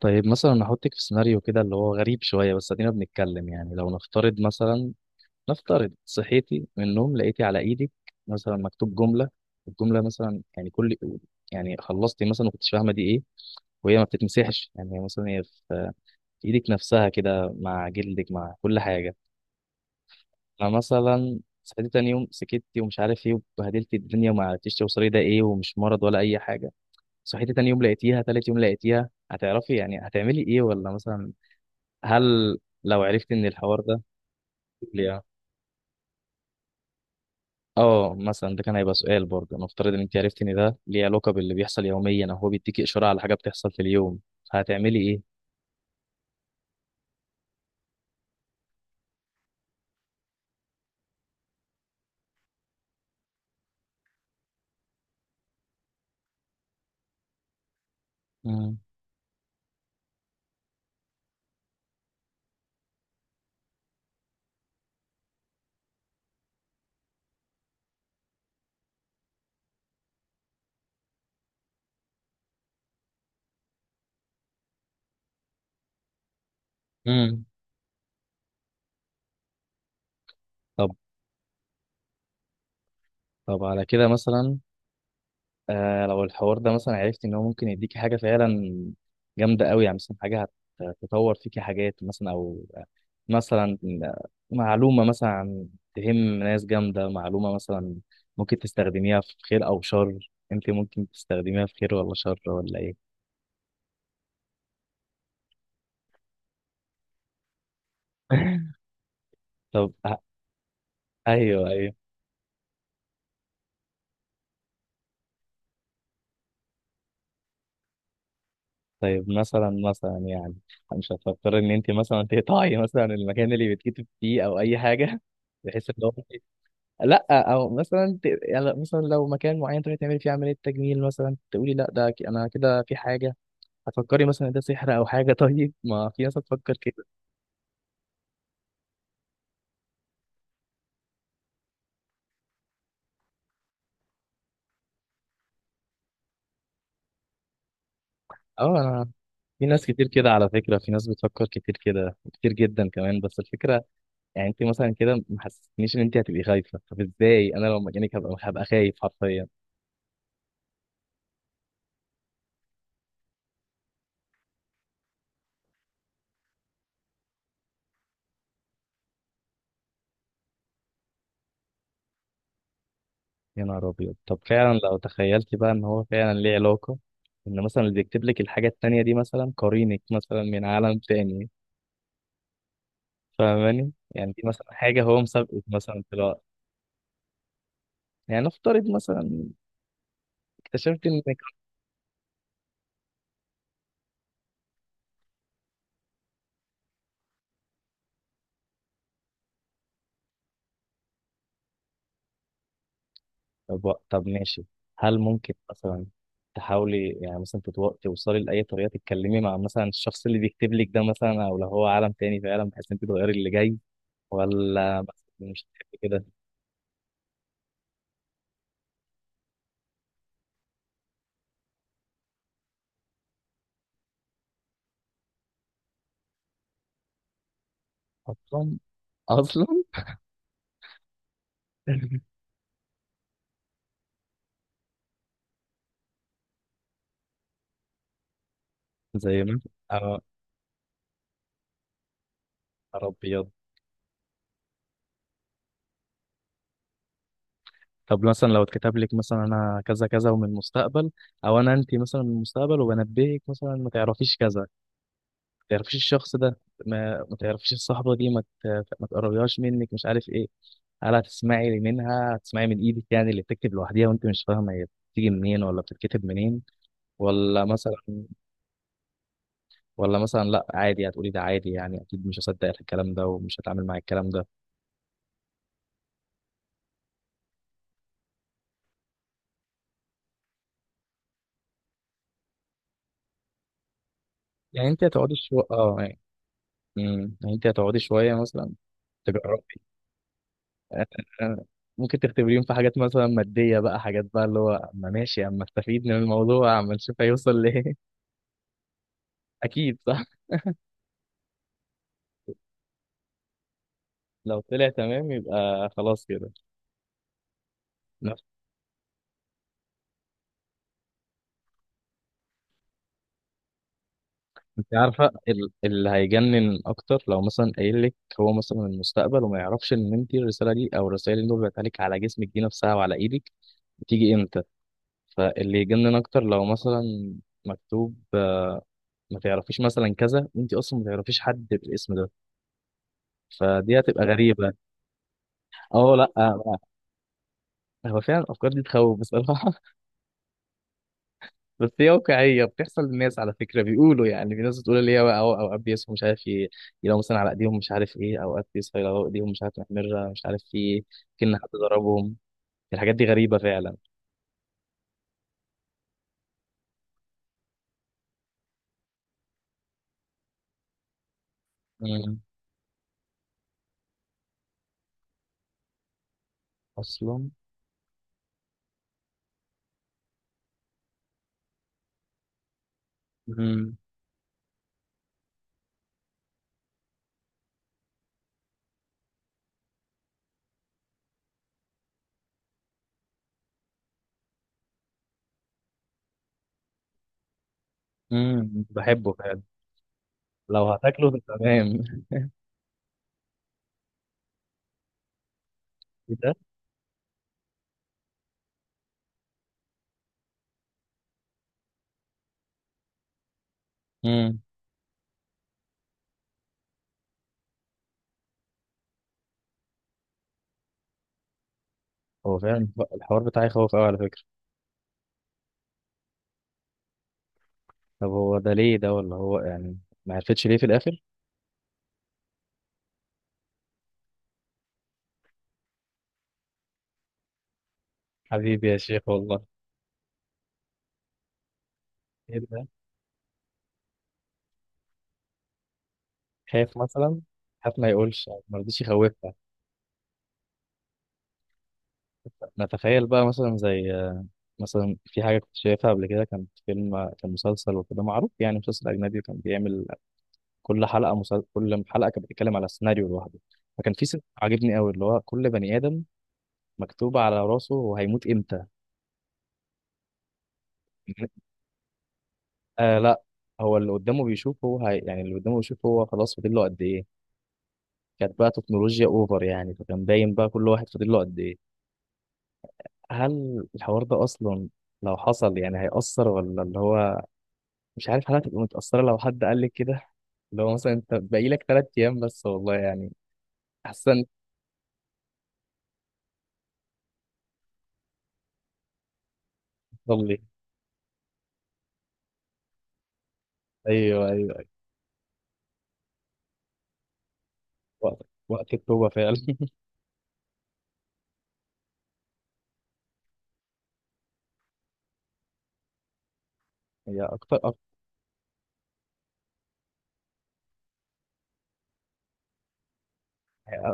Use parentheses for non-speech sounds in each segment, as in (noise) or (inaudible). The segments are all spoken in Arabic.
طيب، مثلا نحطك في سيناريو كده اللي هو غريب شوية. بس ادينا بنتكلم، يعني لو نفترض صحيتي من النوم لقيتي على ايدك مثلا مكتوب جملة. الجملة مثلا يعني كل، يعني خلصتي مثلا ما كنتش فاهمة دي ايه، وهي ما بتتمسحش. يعني هي مثلا هي في ايدك نفسها كده، مع جلدك مع كل حاجة. فمثلا صحيتي تاني يوم سكتي ومش عارف ايه، وبهدلتي الدنيا وما عرفتيش توصلي ده ايه، ومش مرض ولا اي حاجة. صحيتي تاني يوم لقيتيها، تالت يوم لقيتيها، هتعرفي يعني هتعملي ايه؟ ولا مثلا هل لو عرفت ان الحوار ده ليه؟ اه مثلا ده كان هيبقى سؤال برضه. نفترض ان انت عرفت ان ده ليه علاقه باللي بيحصل يوميا، او هو بيديكي اشاره على حاجه بتحصل في اليوم، هتعملي ايه؟ امم. امم. طب. طب على كده مثلا، آه، لو الحوار ده مثلا عرفت ان هو ممكن يديكي حاجه فعلا جامده قوي، يعني مثلا حاجه هتطور فيكي حاجات مثلا، او مثلا معلومه مثلا تهم ناس جامده، معلومه مثلا ممكن تستخدميها في خير او شر، انت ممكن تستخدميها في خير ولا شر ولا ايه؟ (laughs) طب ايوه، ايوه. طيب مثلا يعني مش هتفكر ان انت مثلا تقطعي مثلا المكان اللي بتكتب فيه او اي حاجه، بحيث ان هو؟ لا، او مثلا يعني مثلا لو مكان معين تروحي تعملي فيه عمليه تجميل مثلا، تقولي لا ده انا كده في حاجه، هتفكري مثلا إن ده سحر او حاجه. (laughs) طيب، ما في ناس هتفكر كده. اه، انا في ناس كتير كده على فكره، في ناس بتفكر كتير كده، كتير جدا كمان، بس الفكره يعني انت مثلا كده ما حسستنيش ان انت هتبقي خايفه. طب ازاي؟ انا لو مكانك هبقى خايف حرفيا. يا نهار ابيض، طب فعلا لو تخيلتي بقى ان هو فعلا ليه علاقه، ان مثلا اللي بيكتب لك الحاجه التانيه دي مثلا قرينك مثلا من عالم تاني، فاهماني؟ يعني دي مثلا حاجة هو مسابقة مثلا في الوقت. يعني نفترض مثلا اكتشفت انك. طب، طب ماشي. هل ممكن مثلا تحاولي يعني مثلا توصلي لأي طريقة تتكلمي مع مثلا الشخص اللي بيكتب لك ده مثلا، أو لو هو عالم تاني فعلا، بحيث انت تغيري اللي جاي؟ ولا مثلا مش هتحبي كده؟ أصلا أصلا. (laughs) زي ما أنا أبيض. طب مثلا لو اتكتب لك مثلا أنا كذا كذا ومن المستقبل، أو أنا أنت مثلا من المستقبل وبنبهك مثلا ما تعرفيش كذا، تعرفيش الشخص ده، ما تعرفيش الصحبة دي، ما، ما تقربيهاش منك، مش عارف ايه. هل هتسمعي منها، هتسمعي من ايدك يعني اللي بتكتب لوحديها وانت مش فاهمة هي بتيجي منين ولا بتتكتب منين؟ ولا مثلا، ولا مثلا لا عادي، هتقولي ده عادي يعني، اكيد مش هصدق الكلام ده ومش هتعامل مع الكلام ده. يعني انت هتقعدي شوية اه يعني. مم. يعني انت هتقعدي شوية مثلا تجربي. (laughs) ممكن تختبريهم في حاجات مثلا مادية بقى، حاجات بقى، اللي هو اما ماشي اما استفيد من الموضوع اما نشوف هيوصل ليه. (laughs) اكيد. لو طلع تمام يبقى خلاص كده. نفس. انت عارفه ال-، اللي هيجنن اكتر لو مثلا قايل لك هو مثلا المستقبل وما يعرفش ان انت الرساله دي او الرسائل اللي وقعت عليك على جسمك دي نفسها وعلى ايدك بتيجي امتى. فاللي يجنن اكتر لو مثلا مكتوب آه، ما تعرفيش مثلا كذا وانت اصلا ما تعرفيش حد بالاسم ده، فدي هتبقى غريبه. اه، لا، آه. هو فعلا الافكار دي تخوف بصراحه، بس هي واقعية بتحصل للناس على فكرة، بيقولوا يعني في ناس بتقول اللي هي بقى أوقات بيصحوا مش عارف يلاقوا مثلا على إيديهم مش عارف إيه، أوقات بيصحوا يلاقوا إيديهم مش عارف محمرة مش عارف في إيه، كأن حد ضربهم. الحاجات دي غريبة فعلا. مم. أصلا. مم. مم. بحبه فعلا. لو هتاكله تمام. (laughs) إيه ده؟ مم. هو فعلا الحوار بتاعي خوف أوي على فكرة. طب هو ده ليه ده؟ ولا هو يعني ما عرفتش ليه في الآخر. حبيبي يا شيخ، والله. إيه ده؟ خايف مثلا، خاف ما يقولش، ما رضيش يخوفها. نتخيل بقى مثلا زي آه، مثلا في حاجة كنت شايفها قبل كده، كان فيلم كان مسلسل وكده معروف، يعني مسلسل أجنبي كان بيعمل كل حلقة مسل... كل حلقة كانت بتتكلم على سيناريو لوحده. فكان في سيناريو عاجبني قوي اللي هو كل بني آدم مكتوب على راسه هو هيموت إمتى. آه لا، هو اللي قدامه بيشوفه، هو هي... يعني اللي قدامه بيشوفه هو خلاص فاضل له قد إيه. كانت بقى تكنولوجيا أوفر يعني، فكان باين بقى كل واحد فاضل له قد إيه. هل الحوار ده أصلا لو حصل يعني هيأثر، ولا اللي هو مش عارف، هل هتبقى متأثرة لو حد قال لك كده لو مثلا انت باقي لك 3 ايام بس؟ والله يعني احسن. تصلي. ايوه، ايوه، ايوه. وقت، وقت التوبة فعلا. (laughs) هي اكتر أكتر.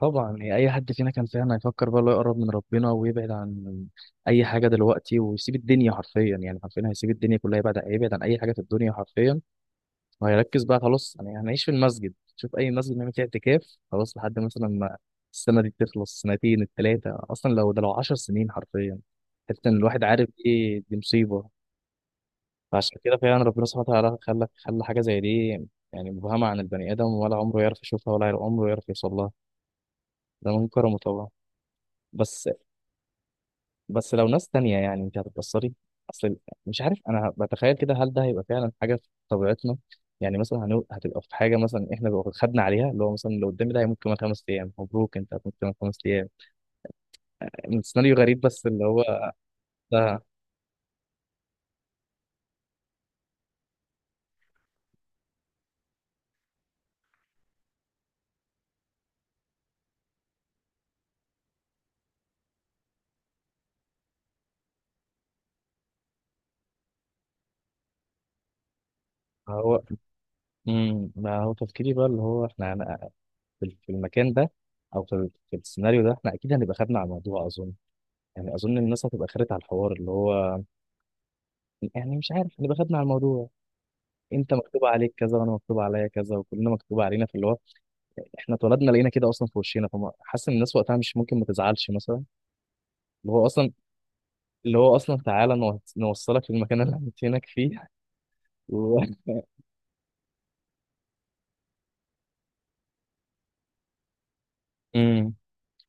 طبعا، هي اي حد فينا كان فعلا هيفكر بقى اللي هو يقرب من ربنا ويبعد عن اي حاجة دلوقتي، ويسيب الدنيا حرفيا. يعني حرفيا هيسيب الدنيا كلها، يبعد هيبعد عن اي حاجة في الدنيا حرفيا. وهيركز بقى خلاص، يعني هنعيش في المسجد، شوف اي مسجد نعمل فيه اعتكاف، خلاص لحد مثلا ما السنه دي تخلص، سنتين، التلاته، اصلا لو ده لو 10 سنين حرفيا. حتى ان الواحد عارف ايه دي مصيبه. فعشان كده فعلا ربنا سبحانه وتعالى خلى حاجه زي دي يعني مبهمه عن البني ادم، ولا عمره يعرف يشوفها ولا عمره يعرف يوصل لها. ده من كرمه طبعا. بس بس لو ناس تانية يعني انت هتتأثري. اصل مش عارف، انا بتخيل كده هل ده هيبقى فعلا حاجة في طبيعتنا. يعني مثلا هنو...، هتبقى في حاجة مثلا احنا لو خدنا عليها اللي هو مثلا لو قدامي ده هيموت كمان 5 ايام، مبروك انت هتموت كمان 5 ايام. من سيناريو غريب بس اللي هو ده هو. امم. ما هو تفكيري بقى اللي هو احنا هن...، في المكان ده او في ال-، في السيناريو ده، احنا اكيد هنبقى خدنا على الموضوع اظن. يعني اظن الناس هتبقى خدت على الحوار اللي هو يعني مش عارف، هنبقى خدنا على الموضوع. انت مكتوب عليك كذا وانا مكتوب عليا كذا، وكلنا مكتوب علينا في اللي هو احنا اتولدنا لقينا كده اصلا في وشنا. فحاسس ان الناس وقتها مش ممكن ما تزعلش مثلا، اللي هو اصلا، اللي هو اصلا تعالى نوصلك للمكان اللي هنتينك فيه. (laughs) و-. امم.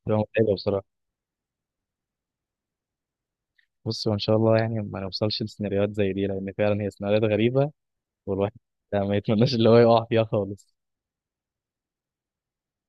تبقى متعبه بصراحه. بص، هو ان شاء الله يعني ما نوصلش لسيناريوهات زي دي، لان فعلا هي سيناريوهات غريبه، والواحد ما يتمناش اللي هو يقع فيها خالص.